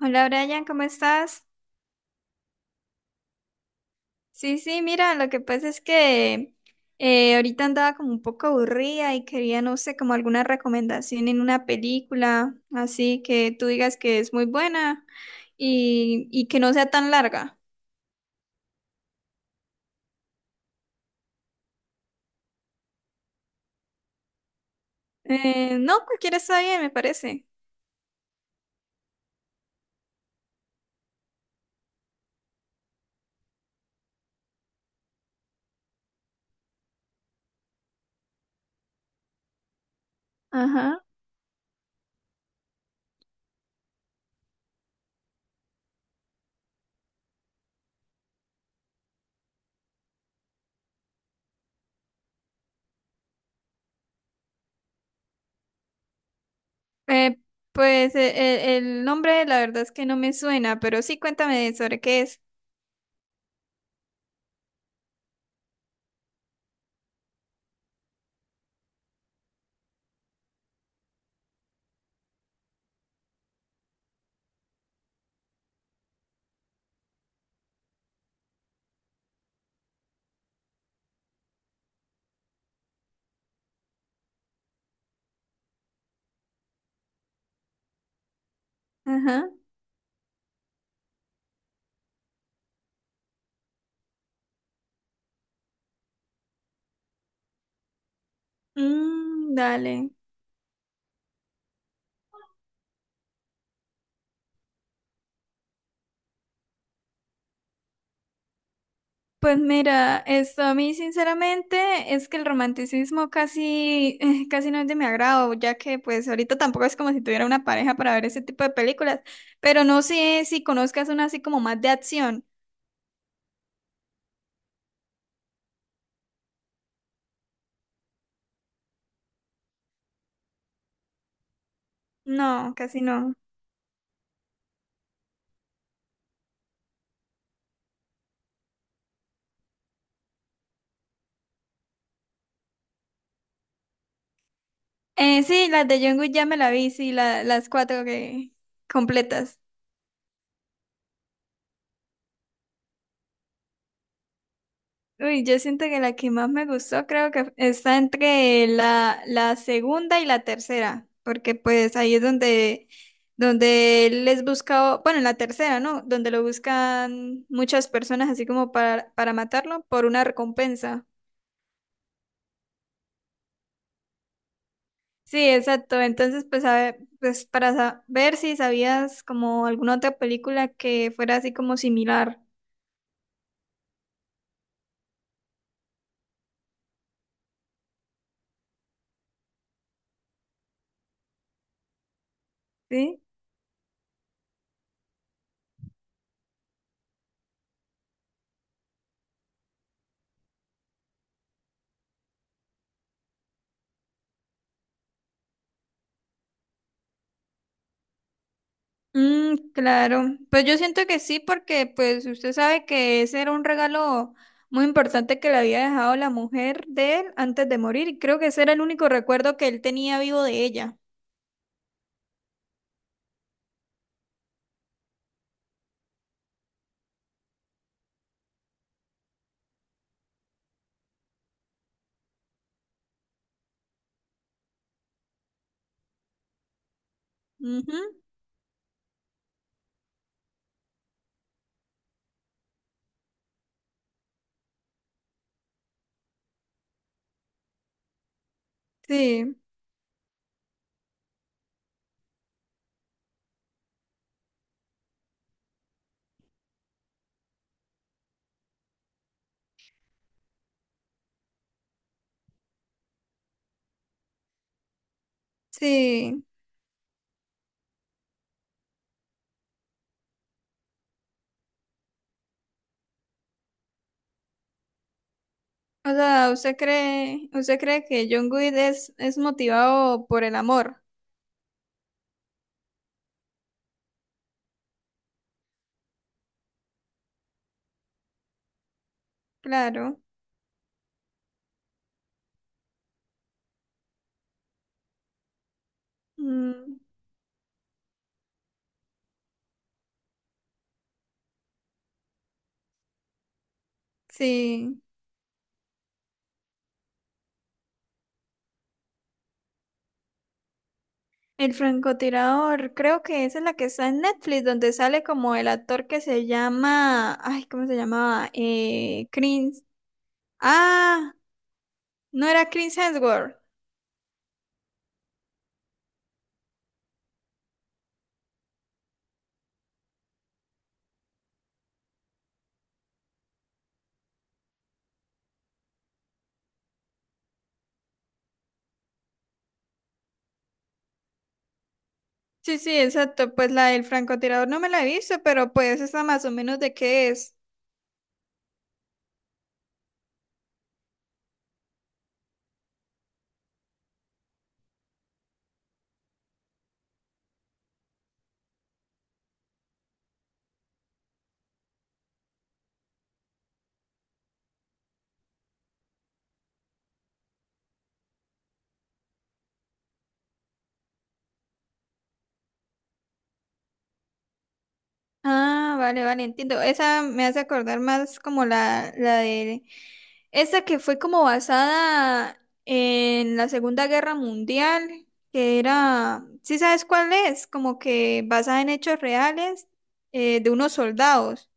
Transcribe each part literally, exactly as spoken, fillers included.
Hola Brian, ¿cómo estás? Sí, sí, mira, lo que pasa es que eh, ahorita andaba como un poco aburrida y quería, no sé, como alguna recomendación en una película, así que tú digas que es muy buena y, y que no sea tan larga. Eh, no, cualquiera está bien, me parece. Ajá. Eh, pues eh, eh, el nombre la verdad es que no me suena, pero sí cuéntame sobre qué es. Ajá. Mm, dale. Pues mira, esto a mí sinceramente es que el romanticismo casi, eh, casi no es de mi agrado, ya que pues ahorita tampoco es como si tuviera una pareja para ver ese tipo de películas, pero no sé si conozcas una así como más de acción. No, casi no. Eh, sí, las de John Wick ya me la vi, sí, la- las cuatro que completas. Uy, yo siento que la que más me gustó creo que está entre la, la segunda y la tercera, porque pues ahí es donde, donde él les busca, bueno, en la tercera, ¿no? Donde lo buscan muchas personas así como para, para matarlo por una recompensa. Sí, exacto. Entonces, pues, a ver, pues para sa- ver si sabías como alguna otra película que fuera así como similar, ¿sí? Mm, claro, pues yo siento que sí, porque pues usted sabe que ese era un regalo muy importante que le había dejado la mujer de él antes de morir, y creo que ese era el único recuerdo que él tenía vivo de ella. Ujú, sí, sí. O sea, ¿usted cree, usted cree que John Good es, es motivado por el amor? Claro. Mm, sí. El francotirador, creo que esa es la que está en Netflix, donde sale como el actor que se llama, ay, ¿cómo se llamaba? Eh, Chris, ah, no era Chris Hemsworth. Sí, sí, exacto, pues la del francotirador no me la he visto, pero pues esa más o menos de qué es. Ah, vale, vale, entiendo. Esa me hace acordar más como la, la de... Esa que fue como basada en la Segunda Guerra Mundial, que era... ¿Sí sabes cuál es? Como que basada en hechos reales, eh, de unos soldados.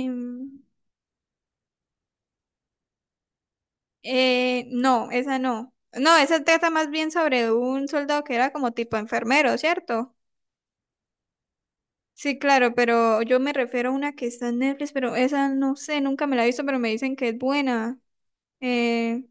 Em, eh, no, esa no. No, esa trata más bien sobre un soldado que era como tipo enfermero, ¿cierto? Sí, claro, pero yo me refiero a una que está en Netflix, pero esa no sé, nunca me la he visto, pero me dicen que es buena. Eh,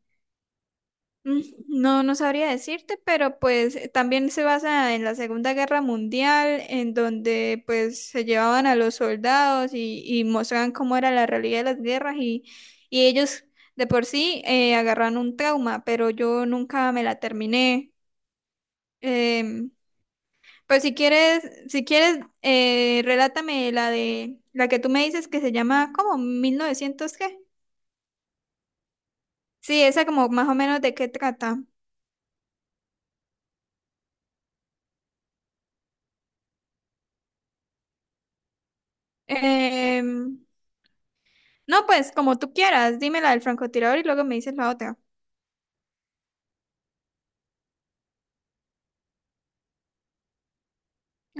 mm, no, no sabría decirte, pero pues eh, también se basa en la Segunda Guerra Mundial, en donde pues se llevaban a los soldados y, y mostraban cómo era la realidad de las guerras y, y ellos de por sí eh, agarran un trauma, pero yo nunca me la terminé. Em, pues si quieres, si quieres, eh, relátame la de la que tú me dices que se llama como mil novecientos qué. Sí, esa como más o menos de qué trata. Em, No, pues como tú quieras, dime la del francotirador y luego me dices la otra.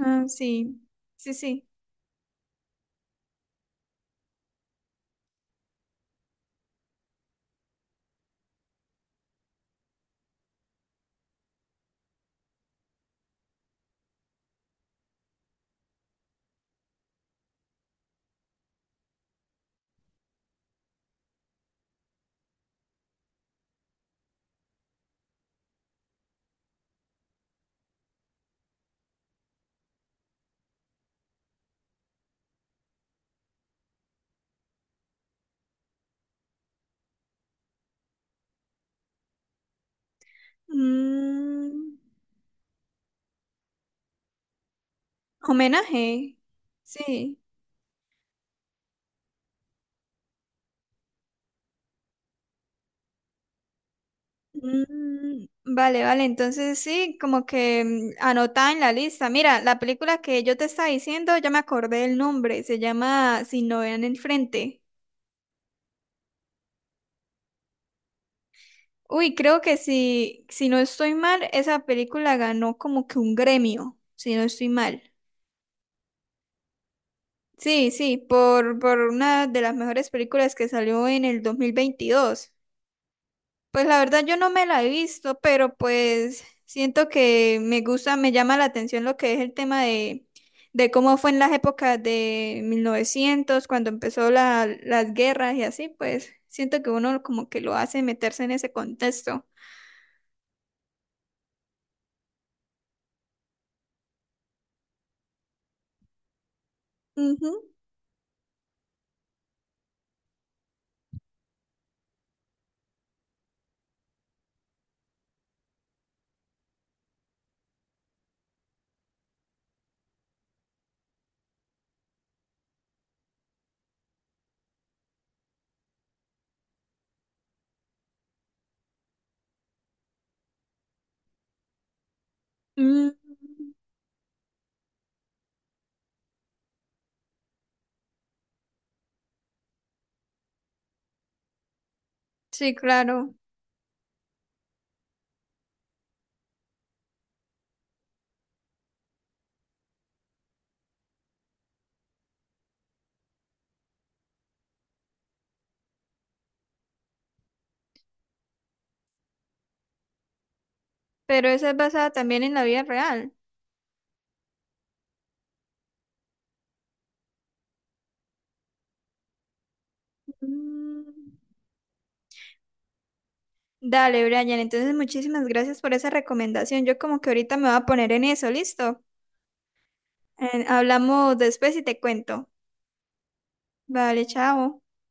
Ah, sí, sí, sí. Mm, homenaje, sí. Mm, vale, vale, entonces sí, como que mm, anota en la lista. Mira, la película que yo te estaba diciendo, ya me acordé el nombre, se llama Si no vean el frente. Uy, creo que si, si no estoy mal, esa película ganó como que un gremio, si no estoy mal. Sí, sí, por, por una de las mejores películas que salió en el dos mil veintidós. Pues la verdad yo no me la he visto, pero pues siento que me gusta, me llama la atención lo que es el tema de, de cómo fue en las épocas de mil novecientos cuando empezó la, las guerras y así, pues siento que uno como que lo hace meterse en ese contexto. Ujú. Mm, sí, claro, pero esa es basada también en la vida real. Mm. Dale, Brian. Entonces, muchísimas gracias por esa recomendación. Yo como que ahorita me voy a poner en eso, ¿listo? Eh, hablamos después y te cuento. Vale, chao.